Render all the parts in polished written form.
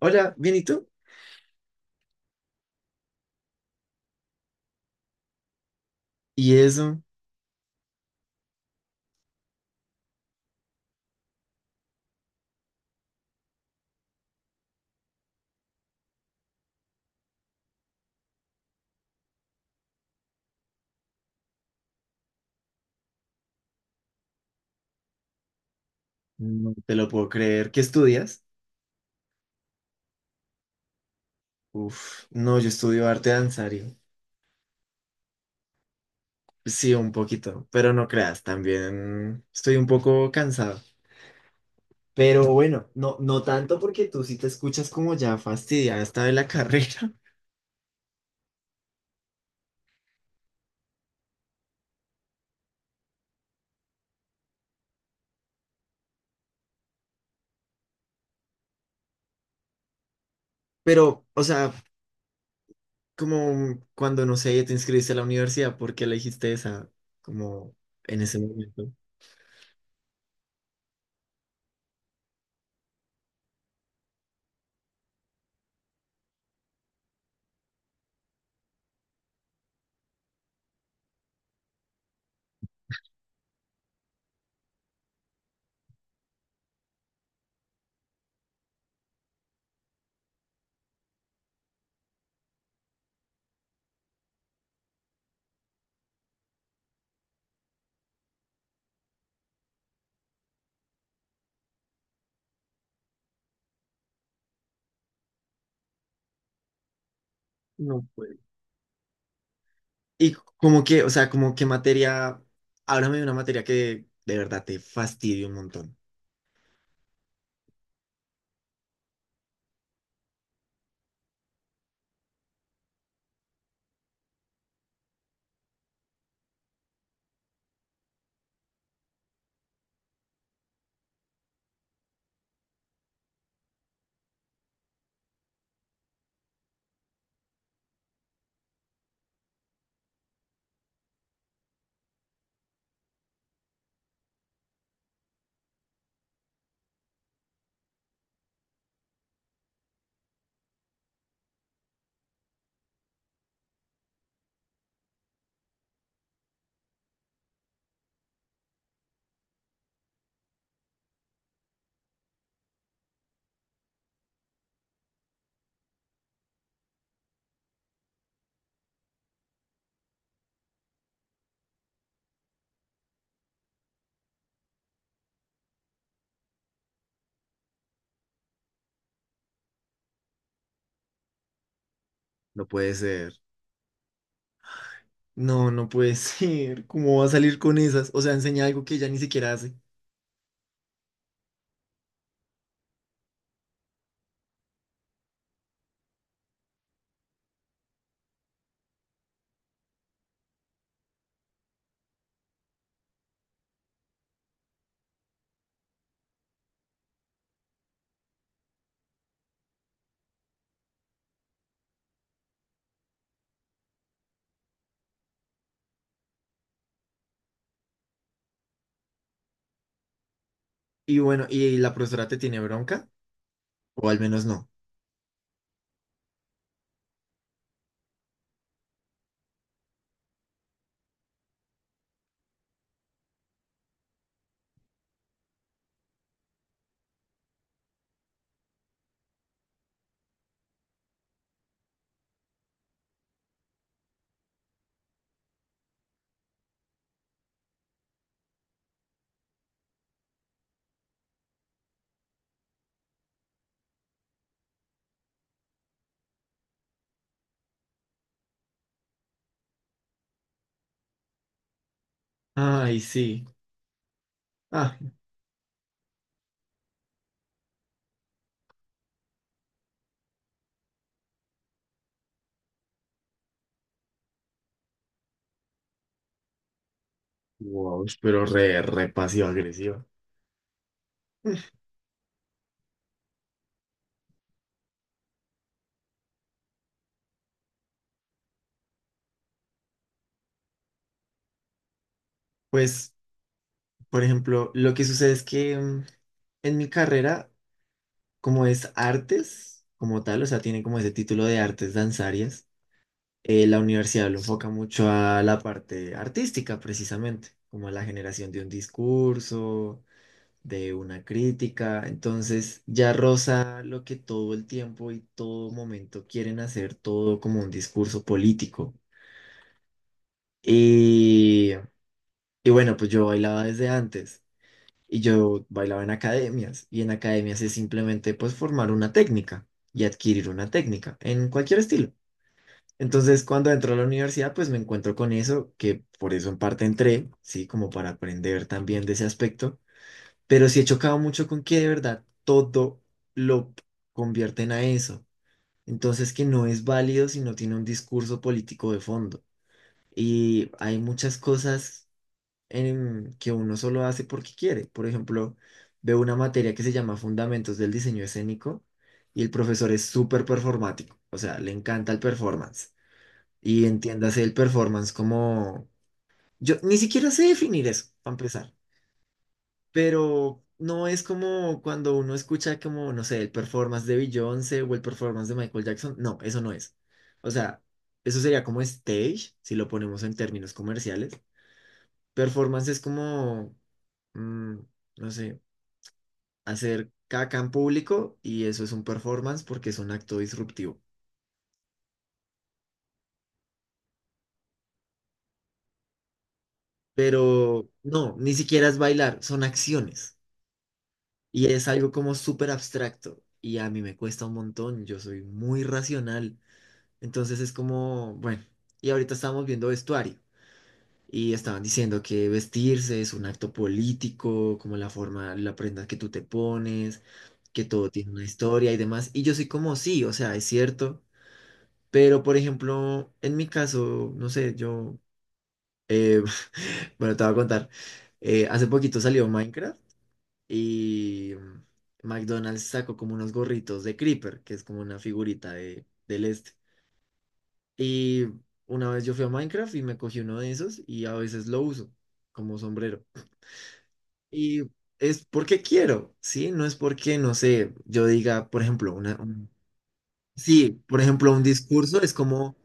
Hola, bien, ¿y tú? ¿Y eso? No te lo puedo creer. ¿Qué estudias? Uf, no, yo estudio arte danzario. Sí, un poquito, pero no creas, también estoy un poco cansado. Pero bueno, no, no tanto porque tú sí te escuchas como ya fastidiada esta de la carrera. Pero, o sea, como cuando, no sé, te inscribiste a la universidad, ¿por qué elegiste esa? Como en ese momento. No. Y como que, o sea, como que materia, háblame de una materia que de verdad te fastidie un montón. No puede ser. No, no puede ser. ¿Cómo va a salir con esas? O sea, enseña algo que ya ni siquiera hace. Y bueno, ¿y la profesora te tiene bronca? O al menos no. Ay, sí. Ah, wow, pero re, re pasiva agresiva. Pues, por ejemplo, lo que sucede es que en mi carrera, como es artes, como tal, o sea, tiene como ese título de artes danzarias, la universidad lo enfoca mucho a la parte artística, precisamente, como a la generación de un discurso, de una crítica. Entonces, ya roza lo que todo el tiempo y todo momento quieren hacer todo como un discurso político. Y, y bueno, pues yo bailaba desde antes y yo bailaba en academias, y en academias es simplemente pues formar una técnica y adquirir una técnica en cualquier estilo. Entonces, cuando entro a la universidad, pues me encuentro con eso, que por eso en parte entré, sí, como para aprender también de ese aspecto, pero sí he chocado mucho con que de verdad todo lo convierten a eso. Entonces, que no es válido si no tiene un discurso político de fondo. Y hay muchas cosas en que uno solo hace porque quiere. Por ejemplo, veo una materia que se llama Fundamentos del Diseño Escénico y el profesor es súper performático, o sea, le encanta el performance. Y entiéndase el performance como... Yo ni siquiera sé definir eso, para empezar, pero no es como cuando uno escucha como, no sé, el performance de Beyoncé o el performance de Michael Jackson. No, eso no es. O sea, eso sería como stage, si lo ponemos en términos comerciales. Performance es como, mm, no sé, hacer caca en público y eso es un performance porque es un acto disruptivo. Pero no, ni siquiera es bailar, son acciones. Y es algo como súper abstracto y a mí me cuesta un montón, yo soy muy racional. Entonces es como, bueno, y ahorita estábamos viendo vestuario y estaban diciendo que vestirse es un acto político, como la forma, la prenda que tú te pones, que todo tiene una historia y demás. Y yo soy como, sí, o sea, es cierto, pero por ejemplo, en mi caso, no sé, yo, eh, bueno, te voy a contar, hace poquito salió Minecraft. Y McDonald's sacó como unos gorritos de Creeper, que es como una figurita de, del este. Y una vez yo fui a Minecraft y me cogí uno de esos y a veces lo uso como sombrero. Y es porque quiero, ¿sí? No es porque, no sé, yo diga, por ejemplo, Sí, por ejemplo, un discurso es como...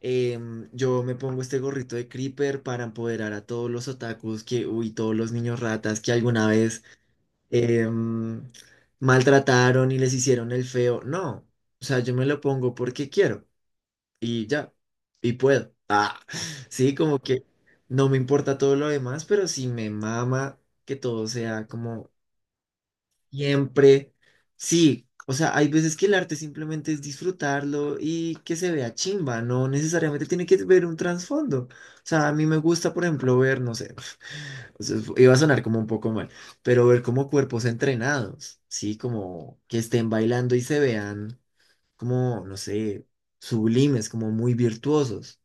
yo me pongo este gorrito de Creeper para empoderar a todos los otakus que, uy, todos los niños ratas que alguna vez em, maltrataron y les hicieron el feo. No, o sea, yo me lo pongo porque quiero y ya, y puedo. Ah, sí, como que no me importa todo lo demás, pero sí me mama que todo sea como... Siempre, sí, o sea, hay veces que el arte simplemente es disfrutarlo y que se vea chimba, no necesariamente tiene que ver un trasfondo. O sea, a mí me gusta, por ejemplo, ver, no sé, o sea, iba a sonar como un poco mal, pero ver como cuerpos entrenados, sí, como que estén bailando y se vean como, no sé, sublimes, como muy virtuosos.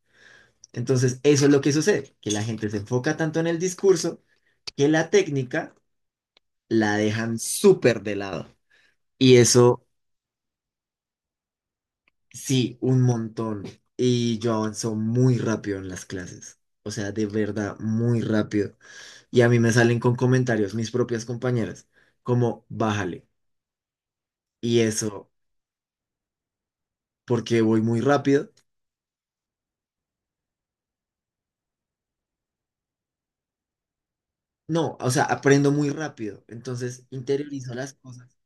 Entonces, eso es lo que sucede, que la gente se enfoca tanto en el discurso que la técnica la dejan súper de lado. Y eso... Sí, un montón. Y yo avanzo muy rápido en las clases. O sea, de verdad, muy rápido. Y a mí me salen con comentarios mis propias compañeras, como, bájale. Y eso, porque voy muy rápido. No, o sea, aprendo muy rápido. Entonces, interiorizo las cosas.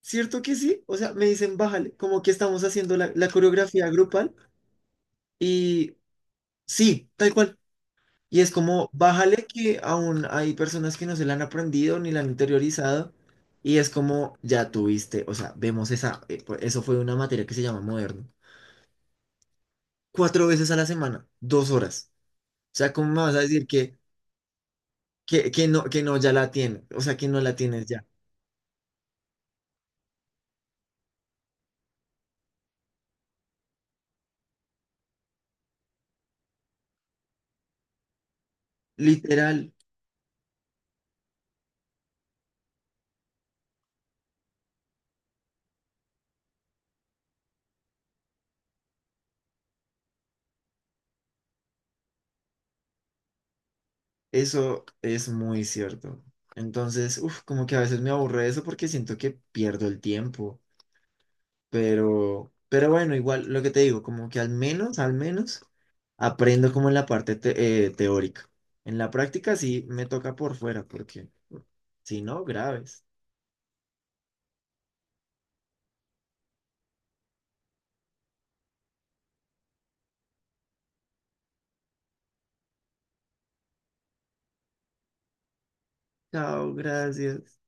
¿Cierto que sí? O sea, me dicen, bájale, como que estamos haciendo la coreografía grupal. Y sí, tal cual. Y es como, bájale que aún hay personas que no se la han aprendido ni la han interiorizado. Y es como, ya tuviste, o sea, vemos esa, eso fue una materia que se llama moderno. Cuatro veces a la semana, dos horas. O sea, ¿cómo me vas a decir que, que no ya la tienes? O sea, que no la tienes ya. Literal, eso es muy cierto. Entonces, uff, como que a veces me aburre eso porque siento que pierdo el tiempo. Pero bueno, igual lo que te digo, como que al menos, al menos aprendo como en la parte teórica. En la práctica sí me toca por fuera, porque si no, graves. Chao, gracias.